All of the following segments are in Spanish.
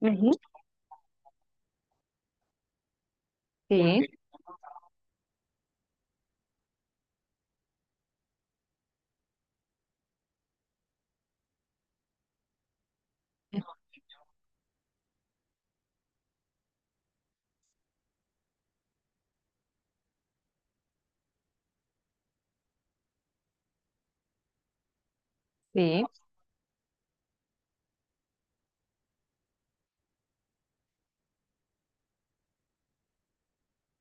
Ujú. Sí, sí.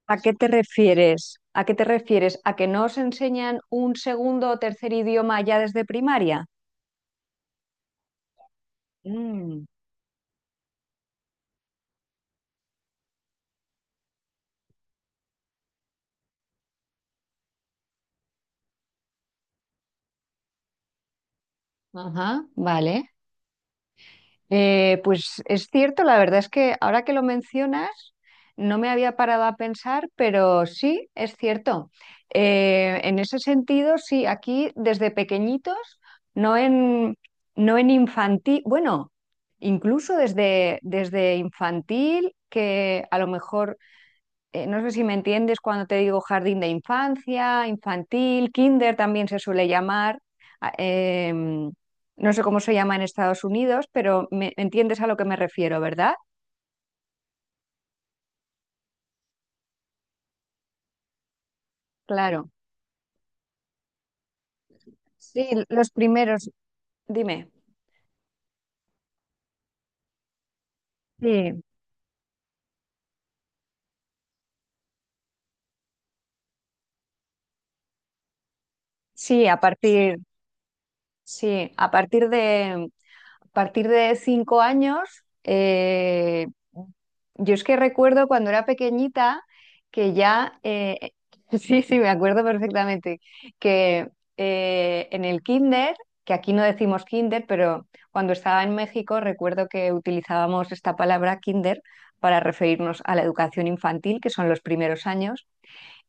¿A qué te refieres? ¿A qué te refieres? ¿A que no os enseñan un segundo o tercer idioma ya desde primaria? Mm. Ajá, vale. Pues es cierto, la verdad es que ahora que lo mencionas, no me había parado a pensar, pero sí, es cierto. En ese sentido, sí, aquí desde pequeñitos, no en, no en infantil, bueno, incluso desde infantil, que a lo mejor no sé si me entiendes cuando te digo jardín de infancia, infantil, kinder también se suele llamar. a- em, no sé cómo se llama en Estados Unidos, pero me entiendes a lo que me refiero, ¿verdad? Claro. Sí, los primeros, dime. Sí, sí, a partir, sí, a partir de 5 años, yo es que recuerdo cuando era pequeñita que ya, sí, sí, me acuerdo perfectamente, que en el kinder, que aquí no decimos kinder, pero cuando estaba en México recuerdo que utilizábamos esta palabra kinder para referirnos a la educación infantil, que son los primeros años,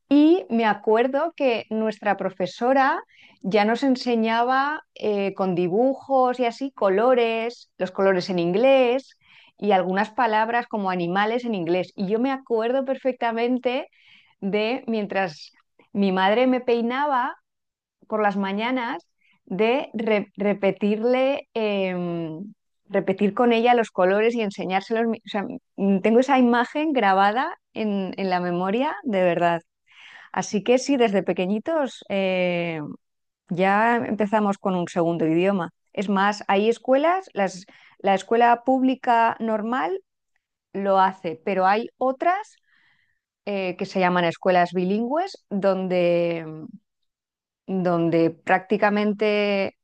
y me acuerdo que nuestra profesora ya nos enseñaba con dibujos y así colores, los colores en inglés y algunas palabras como animales en inglés. Y yo me acuerdo perfectamente de mientras mi madre me peinaba por las mañanas, de repetirle, repetir con ella los colores y enseñárselos. O sea, tengo esa imagen grabada en la memoria, de verdad. Así que sí, desde pequeñitos ya empezamos con un segundo idioma. Es más, hay escuelas, la escuela pública normal lo hace, pero hay otras que se llaman escuelas bilingües, donde prácticamente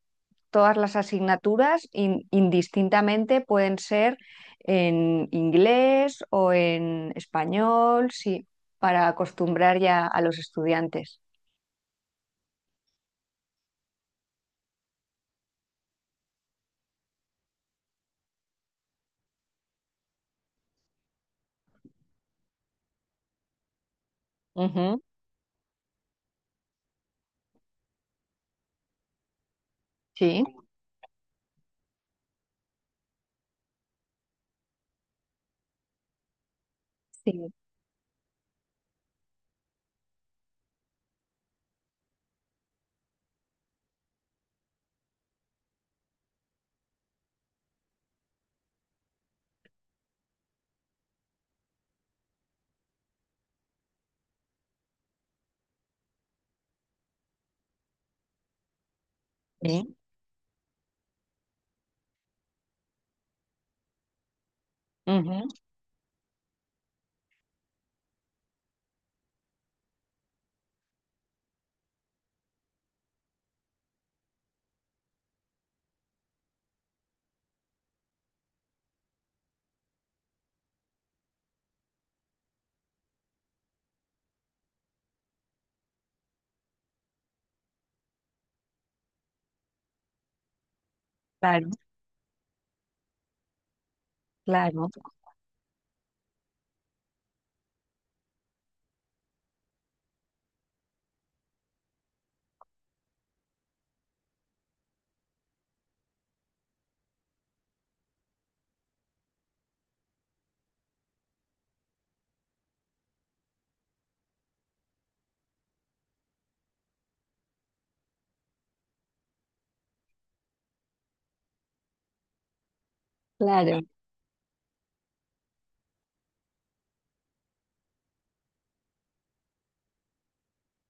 todas las asignaturas indistintamente pueden ser en inglés o en español, sí, para acostumbrar ya a los estudiantes. Ujú, sí. Sí, sí. Ujú. Claro, claro, claro.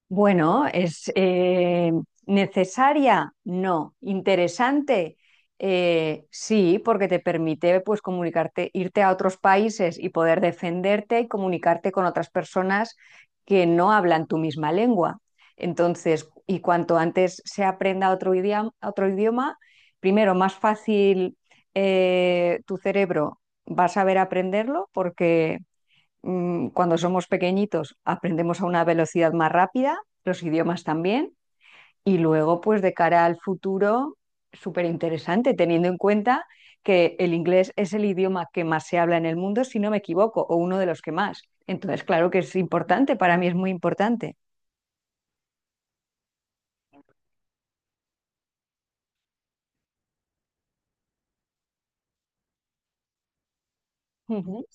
Bueno, es necesaria, no. Interesante, sí, porque te permite, pues, comunicarte, irte a otros países y poder defenderte y comunicarte con otras personas que no hablan tu misma lengua. Entonces, y cuanto antes se aprenda otro idioma, primero, más fácil tu cerebro va a saber aprenderlo porque cuando somos pequeñitos aprendemos a una velocidad más rápida, los idiomas también, y luego pues de cara al futuro, súper interesante, teniendo en cuenta que el inglés es el idioma que más se habla en el mundo, si no me equivoco, o uno de los que más. Entonces, claro que es importante, para mí es muy importante. Ujú,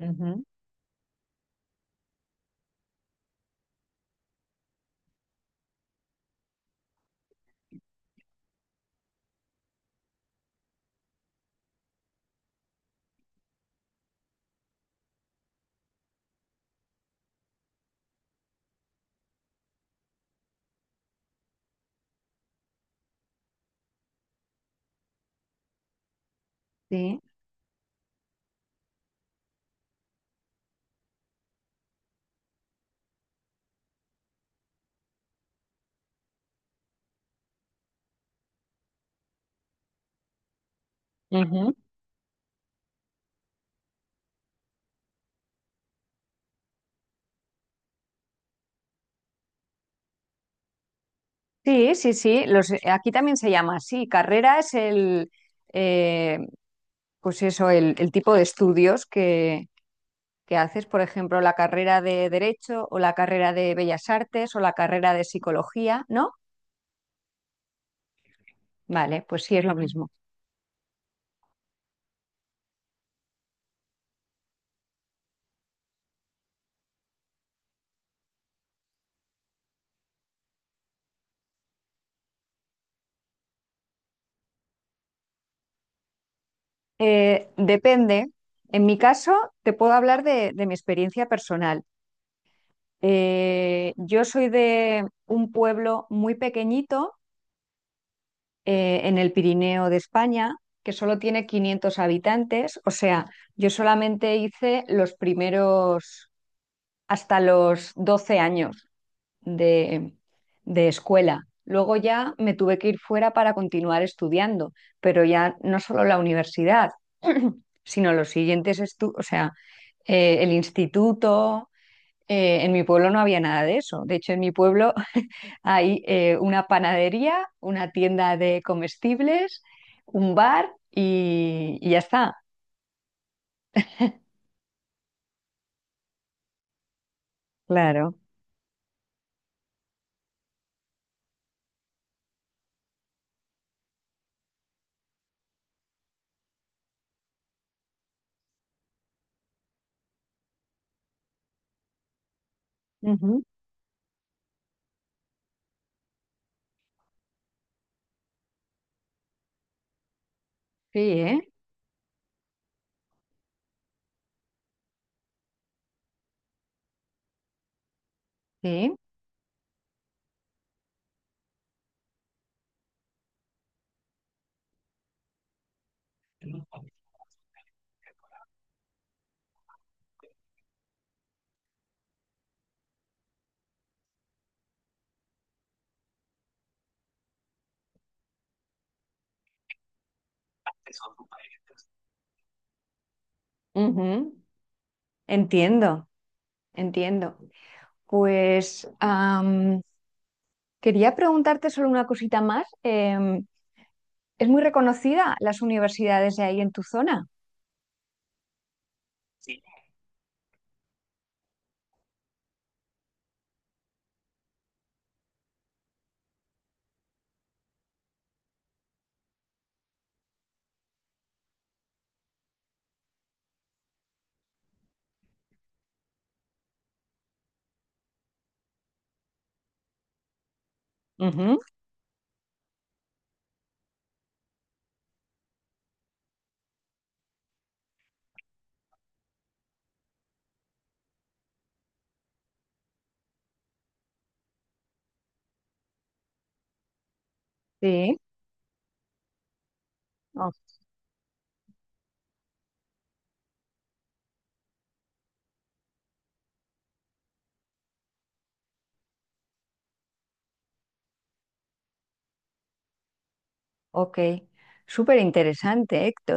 ujú. Sí. Ujú. Sí, sí, sí. Los, aquí también se llama así. Carrera es eh, pues eso, el tipo de estudios que haces, por ejemplo, la carrera de Derecho o la carrera de Bellas Artes o la carrera de Psicología, ¿no? Vale, pues sí, es lo mismo. Depende. En mi caso, te puedo hablar de mi experiencia personal. Yo soy de un pueblo muy pequeñito en el Pirineo de España, que solo tiene 500 habitantes. O sea, yo solamente hice los primeros hasta los 12 años de, de escuela. Luego ya me tuve que ir fuera para continuar estudiando, pero ya no solo la universidad, sino los siguientes estudios, o sea, el instituto. En mi pueblo no había nada de eso. De hecho, en mi pueblo hay una panadería, una tienda de comestibles, un bar y ya está. Claro. Ujú. Sí, ¿eh? Sí. Ujú. Entiendo, entiendo. Pues am, quería preguntarte solo una cosita más. Em, ¿es muy reconocida las universidades de ahí en tu zona? Ujú. Sí. Oh, ok. Súper interesante, Héctor.